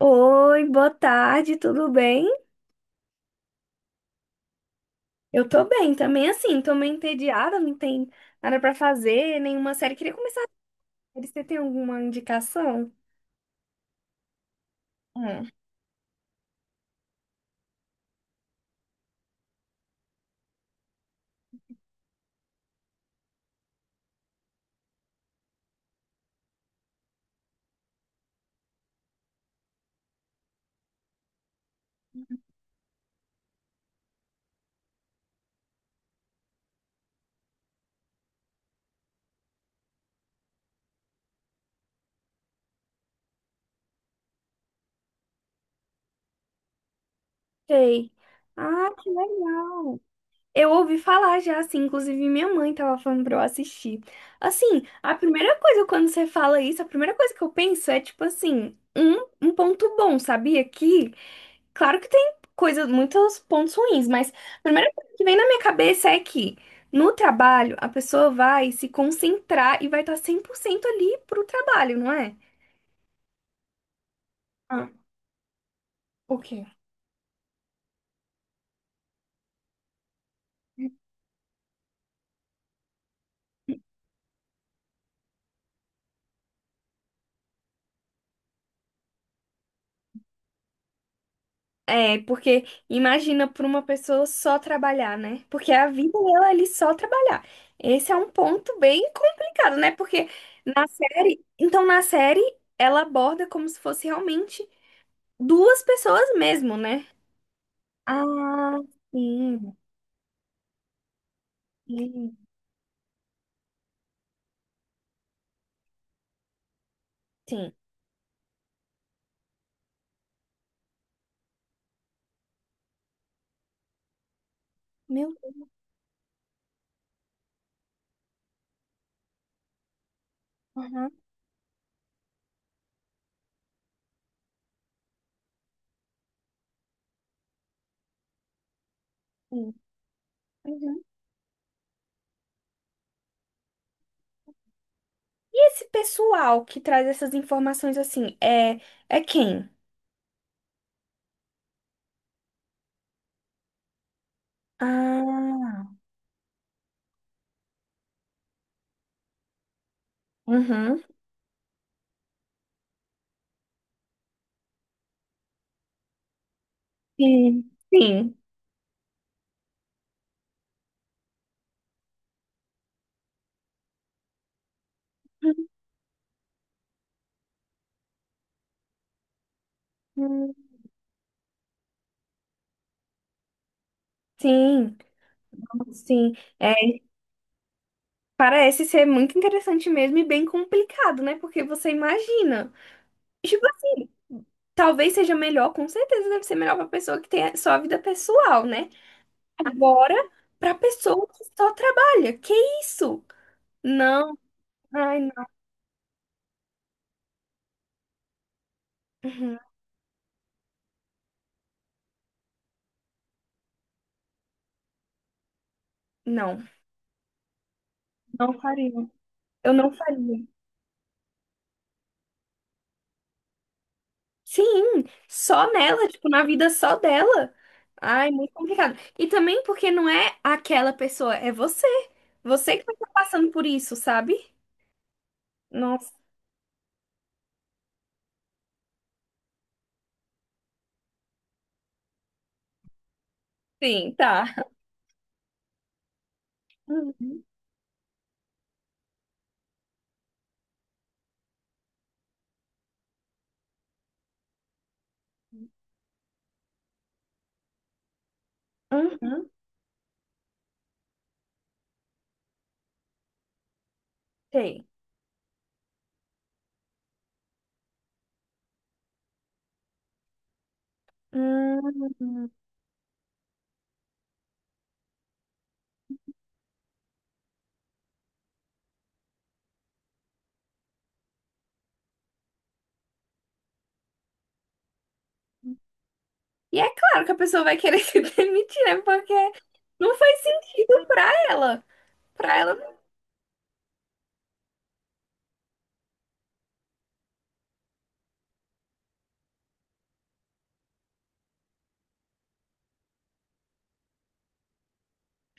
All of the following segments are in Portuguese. Oi, boa tarde, tudo bem? Eu tô bem também, assim, tô meio entediada, não tem nada pra fazer, nenhuma série. Queria começar a série, você tem alguma indicação? Hum. Sei. Ah, que legal. Eu ouvi falar já, assim, inclusive minha mãe tava falando pra eu assistir. Assim, a primeira coisa quando você fala isso, a primeira coisa que eu penso é, tipo assim, um ponto bom, sabia? Que claro que tem coisas, muitos pontos ruins, mas a primeira coisa que vem na minha cabeça é que no trabalho a pessoa vai se concentrar e vai estar 100% ali pro trabalho, não é? Ah, o quê? É, porque imagina para uma pessoa só trabalhar, né? Porque a vida dela é ali só trabalhar. Esse é um ponto bem complicado, né? Porque na série, então na série ela aborda como se fosse realmente duas pessoas mesmo, né? Ah, sim, sim, sim. Meu Deus. Aham, sim. Uhum. E esse pessoal que traz essas informações assim, é, é quem? Ah, uhum. Sim. Sim. Uhum. Sim, sim. É, parece ser muito interessante mesmo e bem complicado, né? Porque você imagina. Tipo assim, talvez seja melhor, com certeza deve ser melhor pra pessoa que tem a sua vida pessoal, né? Agora, pra pessoa que só trabalha. Que isso? Não, ai, não. Uhum. Não. Não faria. Eu não faria. Sim, só nela, tipo, na vida só dela. Ai, muito complicado. E também porque não é aquela pessoa, é você. Você que vai estar passando por isso, sabe? Nossa, sim, tá. Uhum, uhum, sei. Hum. E é claro que a pessoa vai querer se demitir, né? Porque não faz sentido pra ela. Pra ela. Não.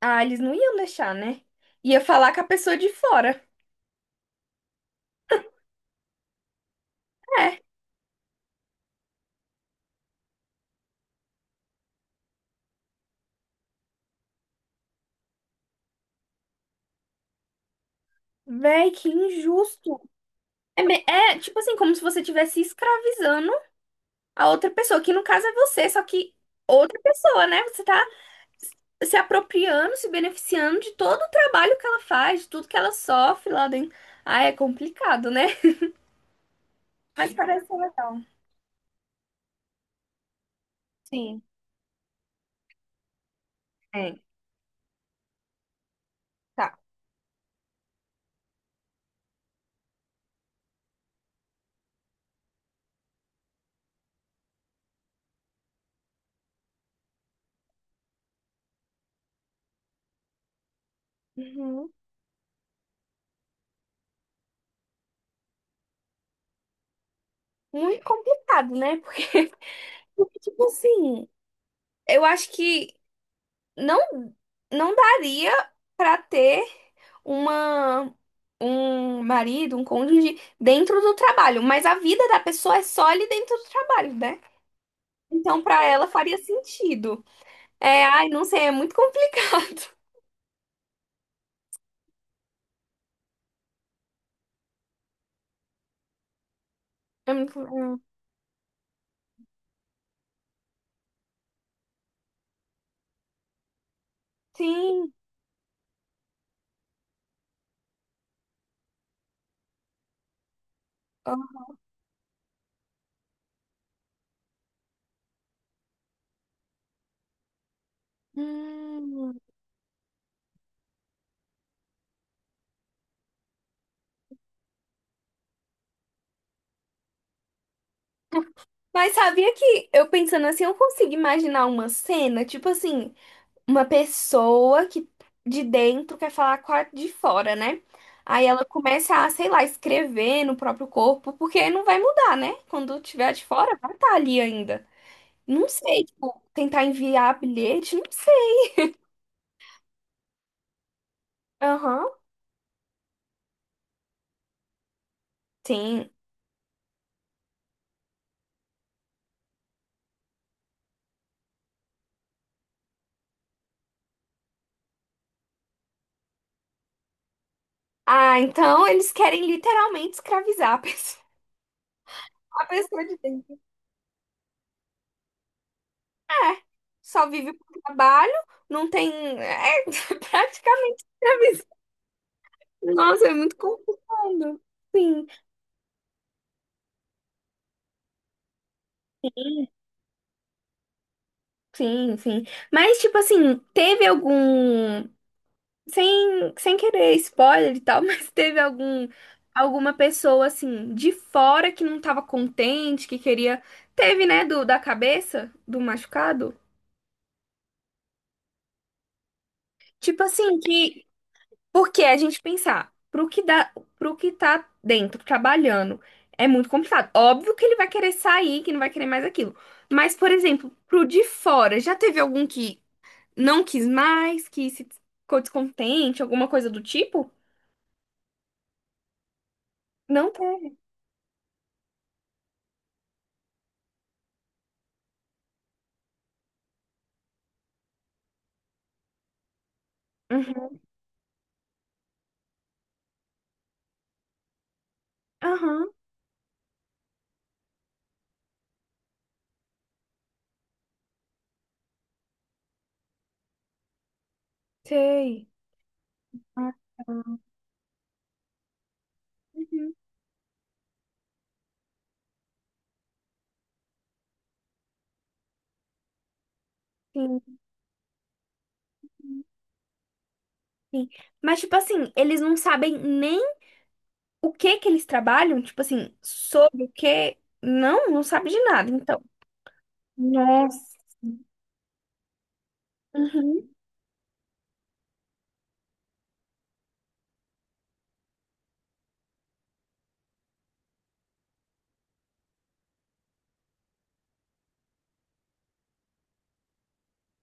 Ah, eles não iam deixar, né? Ia falar com a pessoa de fora. É. Véi, que injusto. Tipo assim, como se você estivesse escravizando a outra pessoa, que no caso é você, só que outra pessoa, né? Você tá se apropriando, se beneficiando de todo o trabalho que ela faz, de tudo que ela sofre lá dentro. Ah, é complicado, né? Mas parece ser legal. Sim. É. Tá. Uhum. Muito complicado, né? Porque, porque, tipo assim, eu acho que não não daria para ter uma um marido, um cônjuge dentro do trabalho, mas a vida da pessoa é só ali dentro do trabalho, né? Então para ela faria sentido. É, ai, não sei, é muito complicado. É muito- é. Sim. Ó. Hum. Mas sabia que eu pensando assim, eu consigo imaginar uma cena, tipo assim, uma pessoa que de dentro quer falar com a de fora, né? Aí ela começa a, sei lá, escrever no próprio corpo, porque não vai mudar, né? Quando tiver a de fora, vai estar ali ainda. Não sei, tipo, tentar enviar bilhete, não sei. Aham, sim. Ah, então eles querem literalmente escravizar a pessoa, a pessoa de dentro. É, só vive por trabalho, não tem. É praticamente escravizar. Nossa, é muito complicado. Sim. Sim, sim. Mas, tipo assim, teve algum. Sem, sem querer spoiler e tal, mas teve algum. Alguma pessoa, assim, de fora que não tava contente, que queria. Teve, né, do, da cabeça, do machucado? Tipo assim, que. Porque a gente pensar, pro que dá, pro que tá dentro, trabalhando, é muito complicado. Óbvio que ele vai querer sair, que não vai querer mais aquilo. Mas, por exemplo, pro de fora, já teve algum que. Não quis mais, que se ficou descontente, alguma coisa do tipo? Não teve. Uhum. Aham, sei. Ah, tá. Uhum, sim, sim. Mas, tipo assim, eles não sabem nem o que que eles trabalham, tipo assim, sobre o que. Não, não sabe de nada, então. Nossa. Uhum.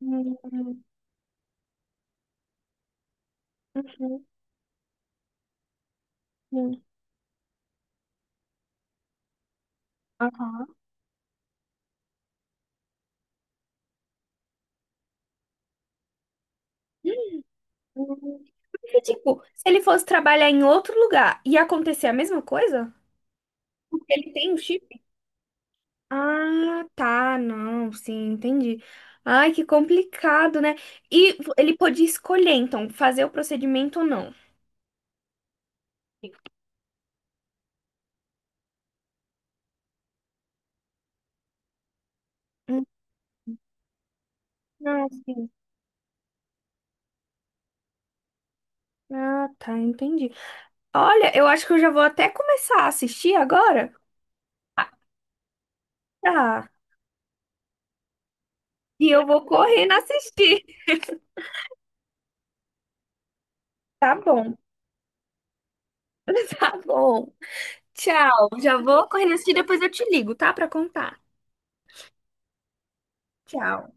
Uhum. Uhum. Uhum. Aham. Uhum. Porque, tipo, se ele fosse trabalhar em outro lugar e acontecer a mesma coisa, porque ele tem o chip. Ah, tá, não, sim, entendi. Ai, que complicado, né? E ele podia escolher, então, fazer o procedimento ou não. Hum, ah, sim. Ah, tá, entendi. Olha, eu acho que eu já vou até começar a assistir agora. Tá. E eu vou correndo assistir. Tá bom. Tá bom. Tchau. Já vou correndo assistir, depois eu te ligo, tá? Pra contar. Tchau.